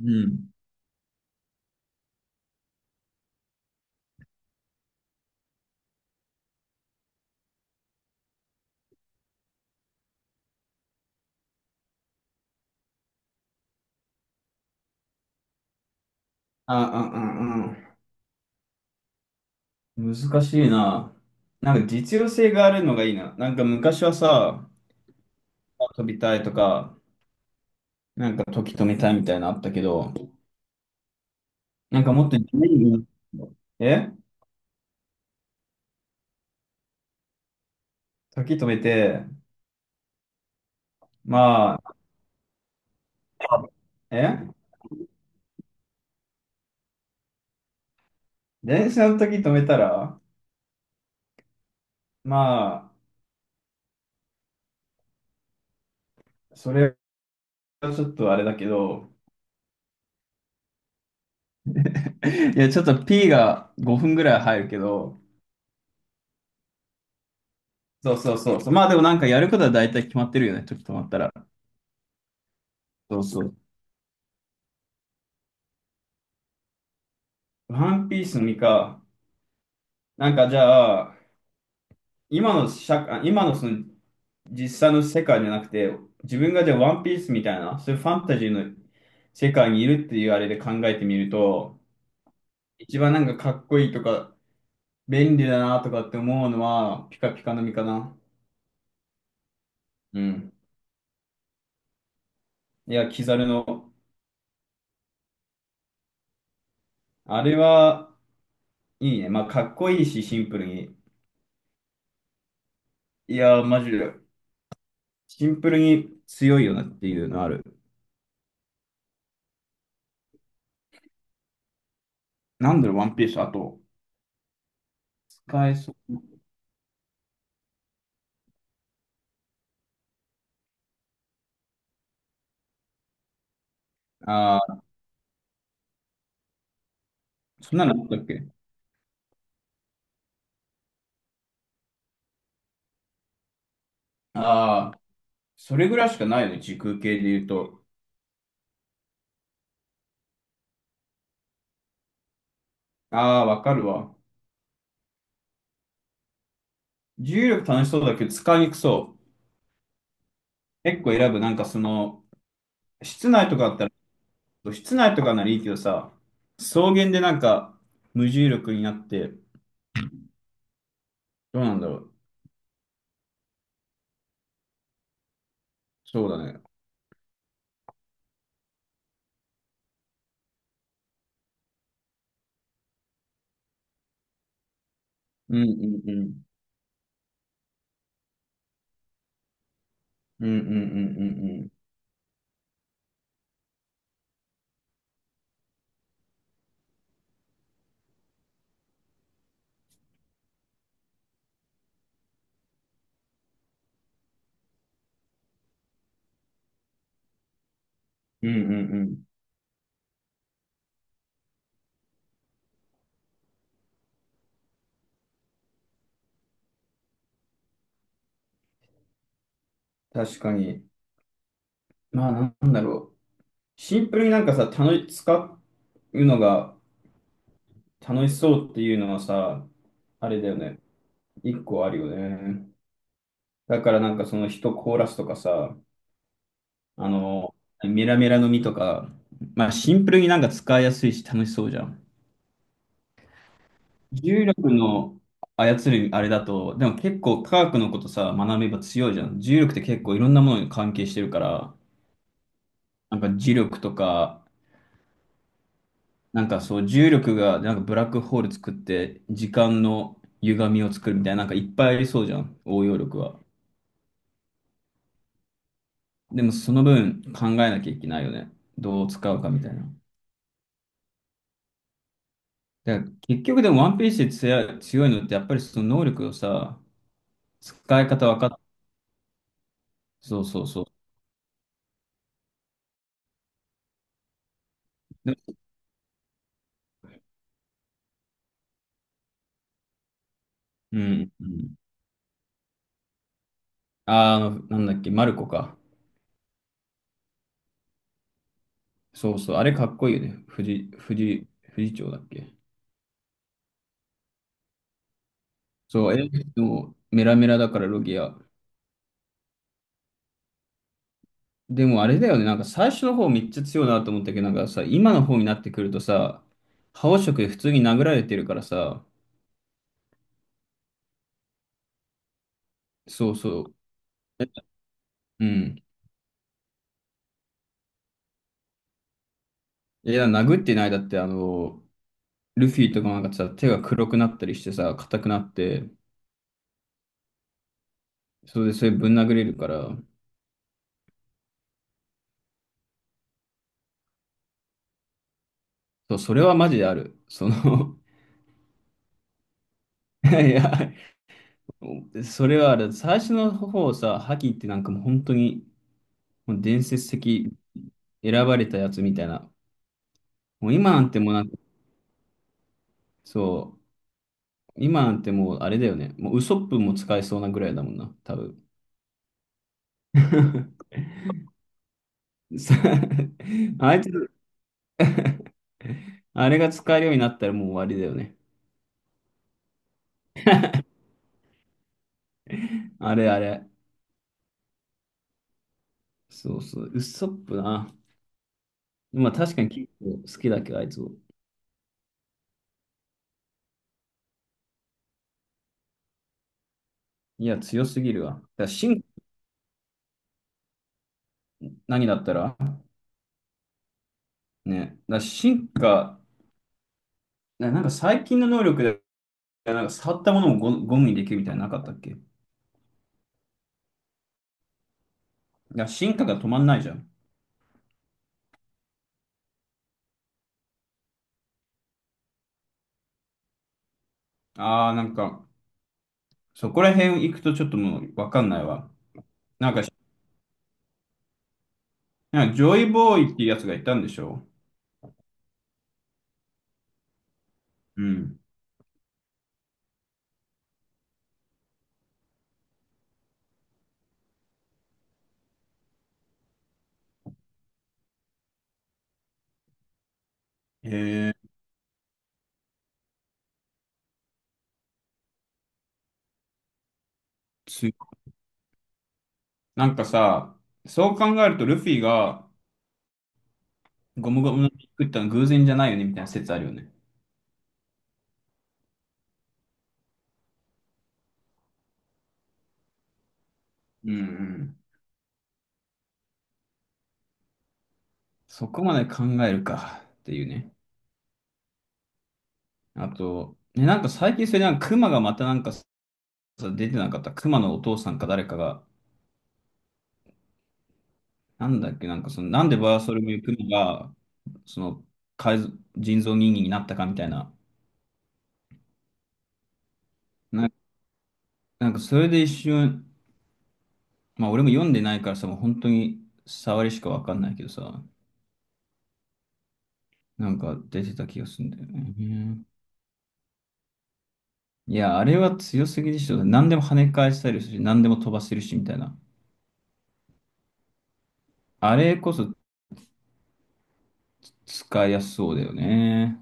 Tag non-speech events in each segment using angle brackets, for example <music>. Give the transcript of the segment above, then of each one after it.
うん。あ。難しいな。なんか実用性があるのがいいな。なんか昔はさ、飛びたいとか、なんか時止めたいみたいなのあったけど、なんかもっと自由に、え時止めて、まあ、え電車の時止めたら、まあ、それはちょっとあれだけど、いや、ちょっと P が5分ぐらい入るけど、そうそうそうそう。まあでもなんかやることは大体決まってるよね、時止まったら。そうそう。ワンピースの実か。なんかじゃあ、今の社会、今のその実際の世界じゃなくて、自分がじゃあワンピースみたいな、そういうファンタジーの世界にいるっていうあれで考えてみると、一番なんかかっこいいとか、便利だなとかって思うのは、ピカピカの実かな。うん。いや、キザルの。あれは、いいね。まあ、かっこいいし、シンプルに。いや、マジで。シンプルに強いよなっていうのある。なんだろう、ワンピース。あと、使えそう。ああ、そんなのあったっけ。ああー、それぐらいしかないよね、時空系で言うと。ああ、わかるわ。重力楽しそうだけど使いにくそう。結構選ぶ。なんかその、室内とかだったら、室内とかならいいけどさ、草原でなんか無重力になって、どうなんだろう。そうだね。うんうんうん。うんうんうんうんうん。うんうんうん。確かに。まあ、なんだろう。シンプルになんかさ、楽し、使うのが楽しそうっていうのはさ、あれだよね。一個あるよね。だからなんかその人コーラスとかさ、あの、メラメラの実とか、まあシンプルになんか使いやすいし楽しそうじゃん。重力の操るあれだと、でも結構科学のことさ、学べば強いじゃん。重力って結構いろんなものに関係してるから、なんか磁力とか、なんかそう重力がなんかブラックホール作って時間の歪みを作るみたいな、なんかいっぱいありそうじゃん。応用力は。でもその分考えなきゃいけないよね。どう使うかみたいな。だから結局でもワンピースで強いのってやっぱりその能力をさ、使い方分かっ、そうそうそう。で、うん、うん。あー、あの、なんだっけ、マルコか。そうそう。あれかっこいいよね。藤長だっけ。そう、え、でもメラメラだからロギア。でもあれだよね、なんか最初の方めっちゃ強いなと思ったけど、なんかさ、今の方になってくるとさ、覇王色で普通に殴られてるからさ、そうそう。うん。いや、殴ってないだって、あの、ルフィとかもなんかさ、手が黒くなったりしてさ、硬くなって、それでそれぶん殴れるから、そう、それはマジである。その <laughs> いや、それはある。最初の方さ、ハキってなんかもう本当にもう伝説的選ばれたやつみたいな。もう今なんてもうなんか、そう、今なんてもうあれだよね。もうウソップも使えそうなぐらいだもんな、多分。<laughs> さあいつ、あれが使えるようになったらもう終わりだよね。あれあれ。そうそう、ウッソップな。まあ確かに結構好きだけど、あいつ。いや、強すぎるわ。だから進、何だったらね。だから進化、なんか最近の能力で、なんか触ったものもゴゴムにできるみたいなのなかったっけ。だから進化が止まんないじゃん。ああ、なんか、そこら辺行くとちょっともうわかんないわ。なんか、なんかジョイボーイっていうやつがいたんでしょ。うん。へえ。つなんかさ、そう考えるとルフィがゴムゴムの実作ったの偶然じゃないよねみたいな説あるよね。うんうん。そこまで考えるかっていうね。あと、ね、なんか最近それなんか熊がまたなんかさ出てなかった。熊のお父さんか誰かが、なんだっけ、なんかその、なんでバーソルミュークマが、その、改造人造人間になったかみたいな。な、なんかそれで一瞬、まあ俺も読んでないからさ、もう本当に触りしかわかんないけどさ、なんか出てた気がするんだよね。うん。いや、あれは強すぎでしょ。何でも跳ね返したりするし、何でも飛ばせるしみたいな。あれこそ使いやすそうだよね。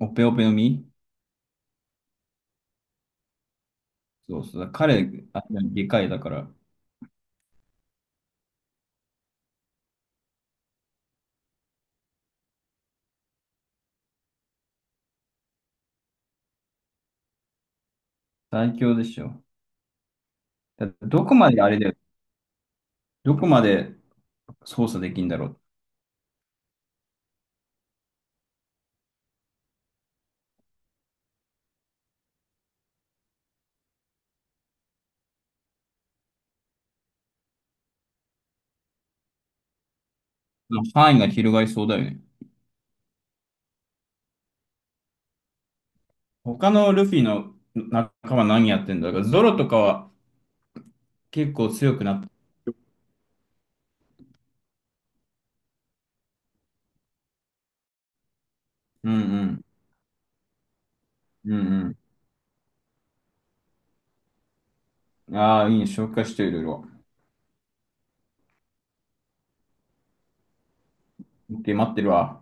オペオペの実、そうそう。彼、あ、でかいだから、最強でしょ。だどこまであれだよ。どこまで操作できんだろう。範囲が広がりそうだよね。他のルフィの仲間何やってんだろう。ゾロとかは結構強くなった。うんうん。うんうん。ああ、いいね。紹介していろいろ。オッケー、待ってるわ。